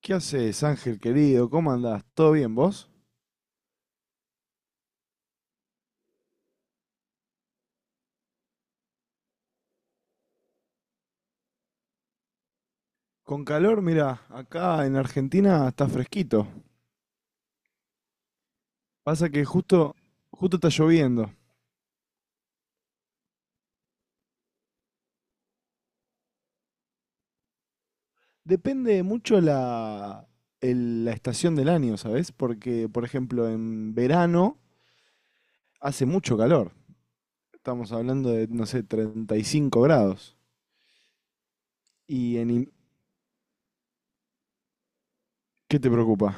¿Qué haces, Ángel querido? ¿Cómo andás? ¿Todo bien vos? Con calor, mira, acá en Argentina está fresquito. Pasa que justo, Justo está lloviendo. Depende mucho la estación del año, ¿sabes? Porque, por ejemplo, en verano hace mucho calor. Estamos hablando de, no sé, 35 grados. Y en... in- ¿Qué te preocupa?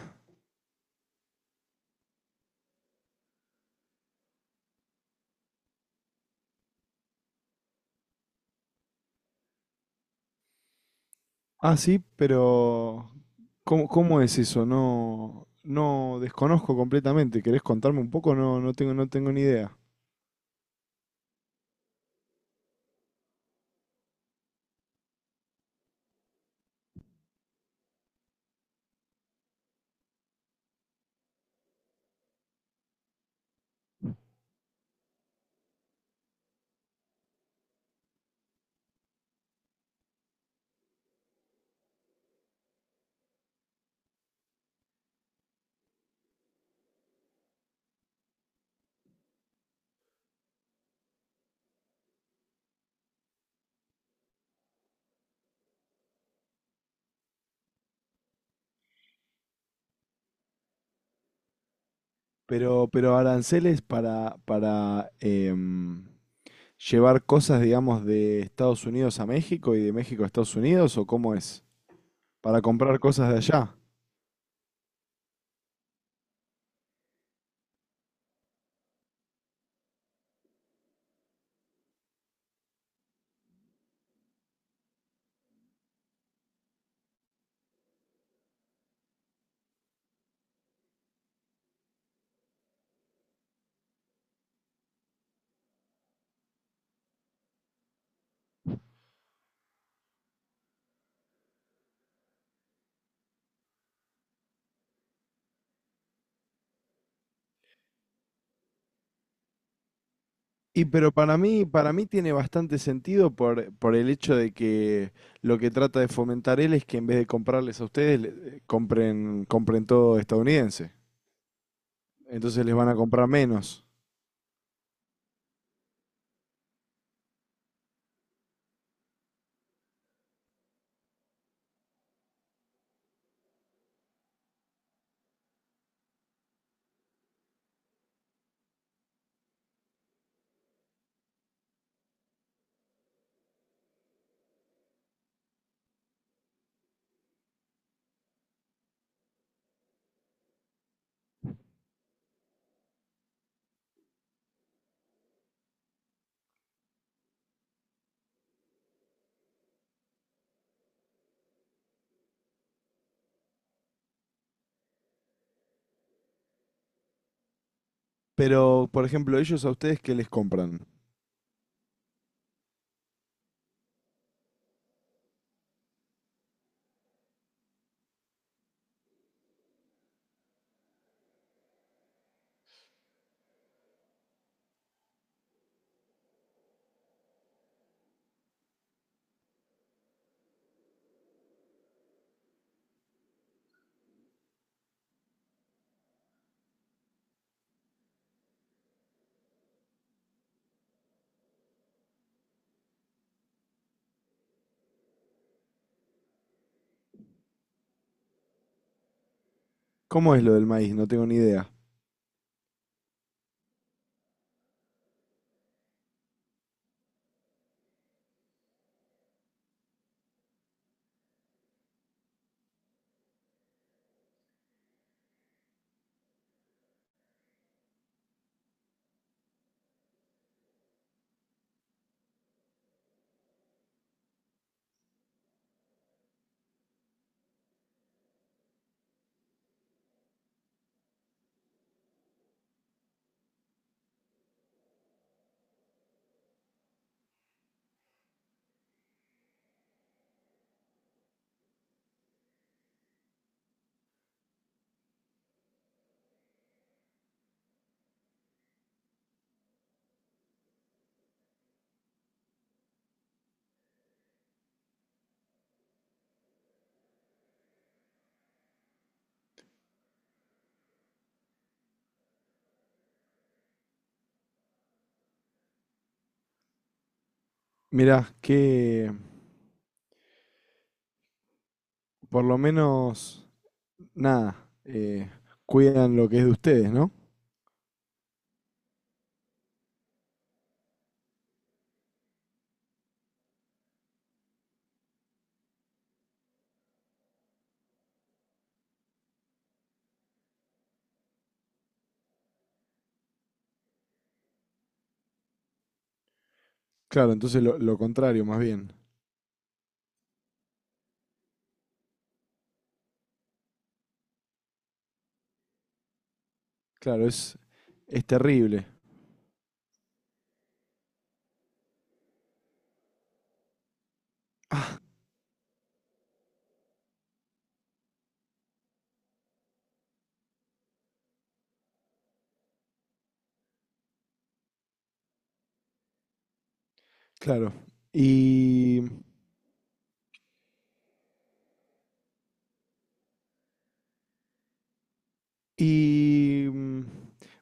Ah, sí, pero ¿cómo es eso? No, desconozco completamente. ¿Querés contarme un poco? No, no tengo ni idea. Pero aranceles para llevar cosas, digamos, de Estados Unidos a México y de México a Estados Unidos, ¿o cómo es? Para comprar cosas de allá. Y para mí tiene bastante sentido por el hecho de que lo que trata de fomentar él es que en vez de comprarles a ustedes, compren todo estadounidense. Entonces les van a comprar menos. Pero, por ejemplo, ellos a ustedes, ¿qué les compran? ¿Cómo es lo del maíz? No tengo ni idea. Mirá, que por lo menos, nada, cuidan lo que es de ustedes, ¿no? Claro, entonces lo contrario, más bien. Claro, es terrible. Ah, claro. Y, y mm,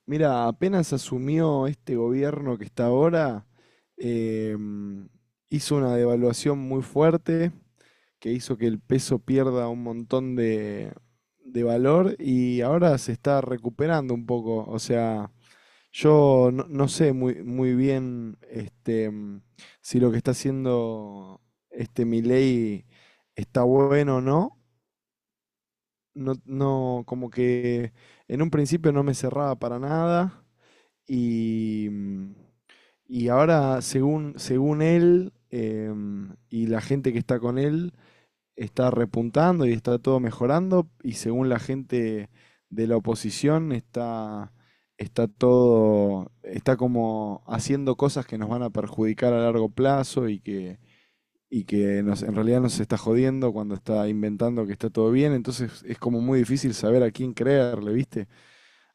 mira, apenas asumió este gobierno que está ahora, eh, mm, hizo una devaluación muy fuerte que hizo que el peso pierda un montón de valor y ahora se está recuperando un poco. O sea, yo no sé muy bien si lo que está haciendo este Milei está bueno o no. No, no, como que en un principio no me cerraba para nada y, mm, y ahora según él y la gente que está con él, está repuntando y está todo mejorando y según la gente de la oposición está, está todo, está como haciendo cosas que nos van a perjudicar a largo plazo y que nos, en realidad nos está jodiendo cuando está inventando que está todo bien, entonces es como muy difícil saber a quién creerle, ¿viste?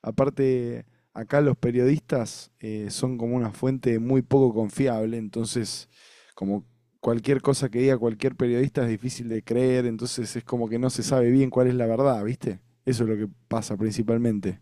Aparte, acá los periodistas son como una fuente muy poco confiable, entonces como cualquier cosa que diga cualquier periodista es difícil de creer, entonces es como que no se sabe bien cuál es la verdad, ¿viste? Eso es lo que pasa principalmente.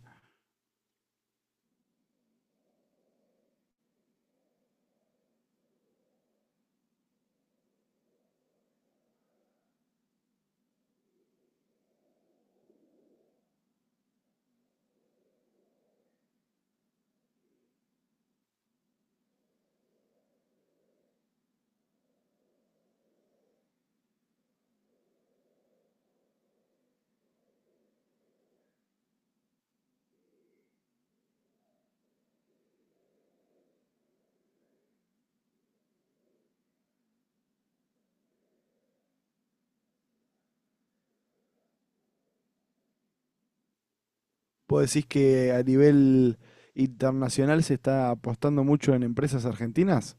Vos decís que a nivel internacional se está apostando mucho en empresas argentinas.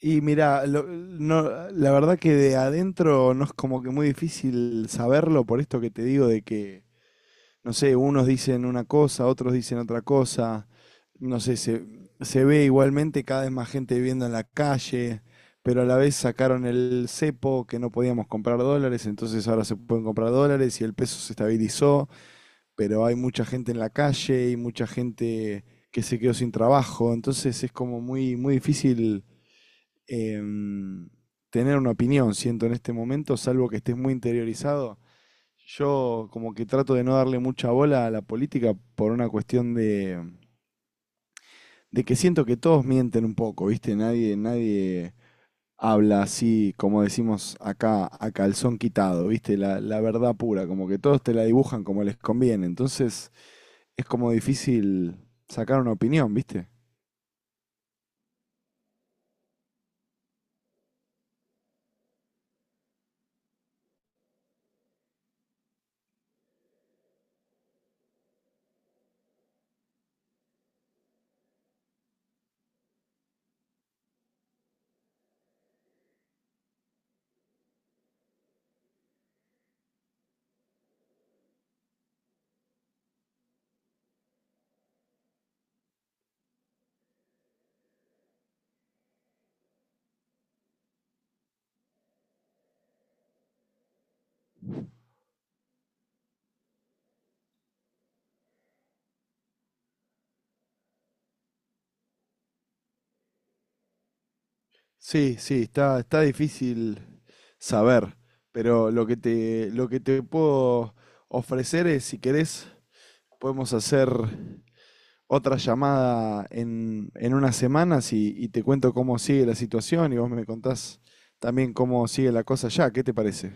Y mira, no, la verdad que de adentro no es como que muy difícil saberlo por esto que te digo de que no sé, unos dicen una cosa, otros dicen otra cosa, no sé, se ve igualmente cada vez más gente viviendo en la calle, pero a la vez sacaron el cepo que no podíamos comprar dólares, entonces ahora se pueden comprar dólares y el peso se estabilizó, pero hay mucha gente en la calle y mucha gente que se quedó sin trabajo, entonces es como muy difícil em, tener una opinión, siento, en este momento, salvo que estés muy interiorizado. Yo como que trato de no darle mucha bola a la política por una cuestión de que siento que todos mienten un poco, ¿viste? Nadie habla así, como decimos acá, a calzón quitado, ¿viste? La verdad pura, como que todos te la dibujan como les conviene. Entonces es como difícil sacar una opinión, ¿viste? Sí, sí, está difícil saber, pero lo que te puedo ofrecer es, si querés, podemos hacer otra llamada en unas semanas y te cuento cómo sigue la situación y vos me contás también cómo sigue la cosa ya. ¿Qué te parece?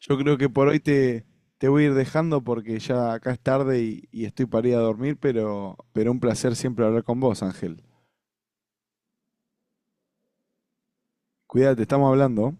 Yo creo que por hoy te voy a ir dejando porque ya acá es tarde y estoy para ir a dormir, pero un placer siempre hablar con vos, Ángel. Cuídate, estamos hablando.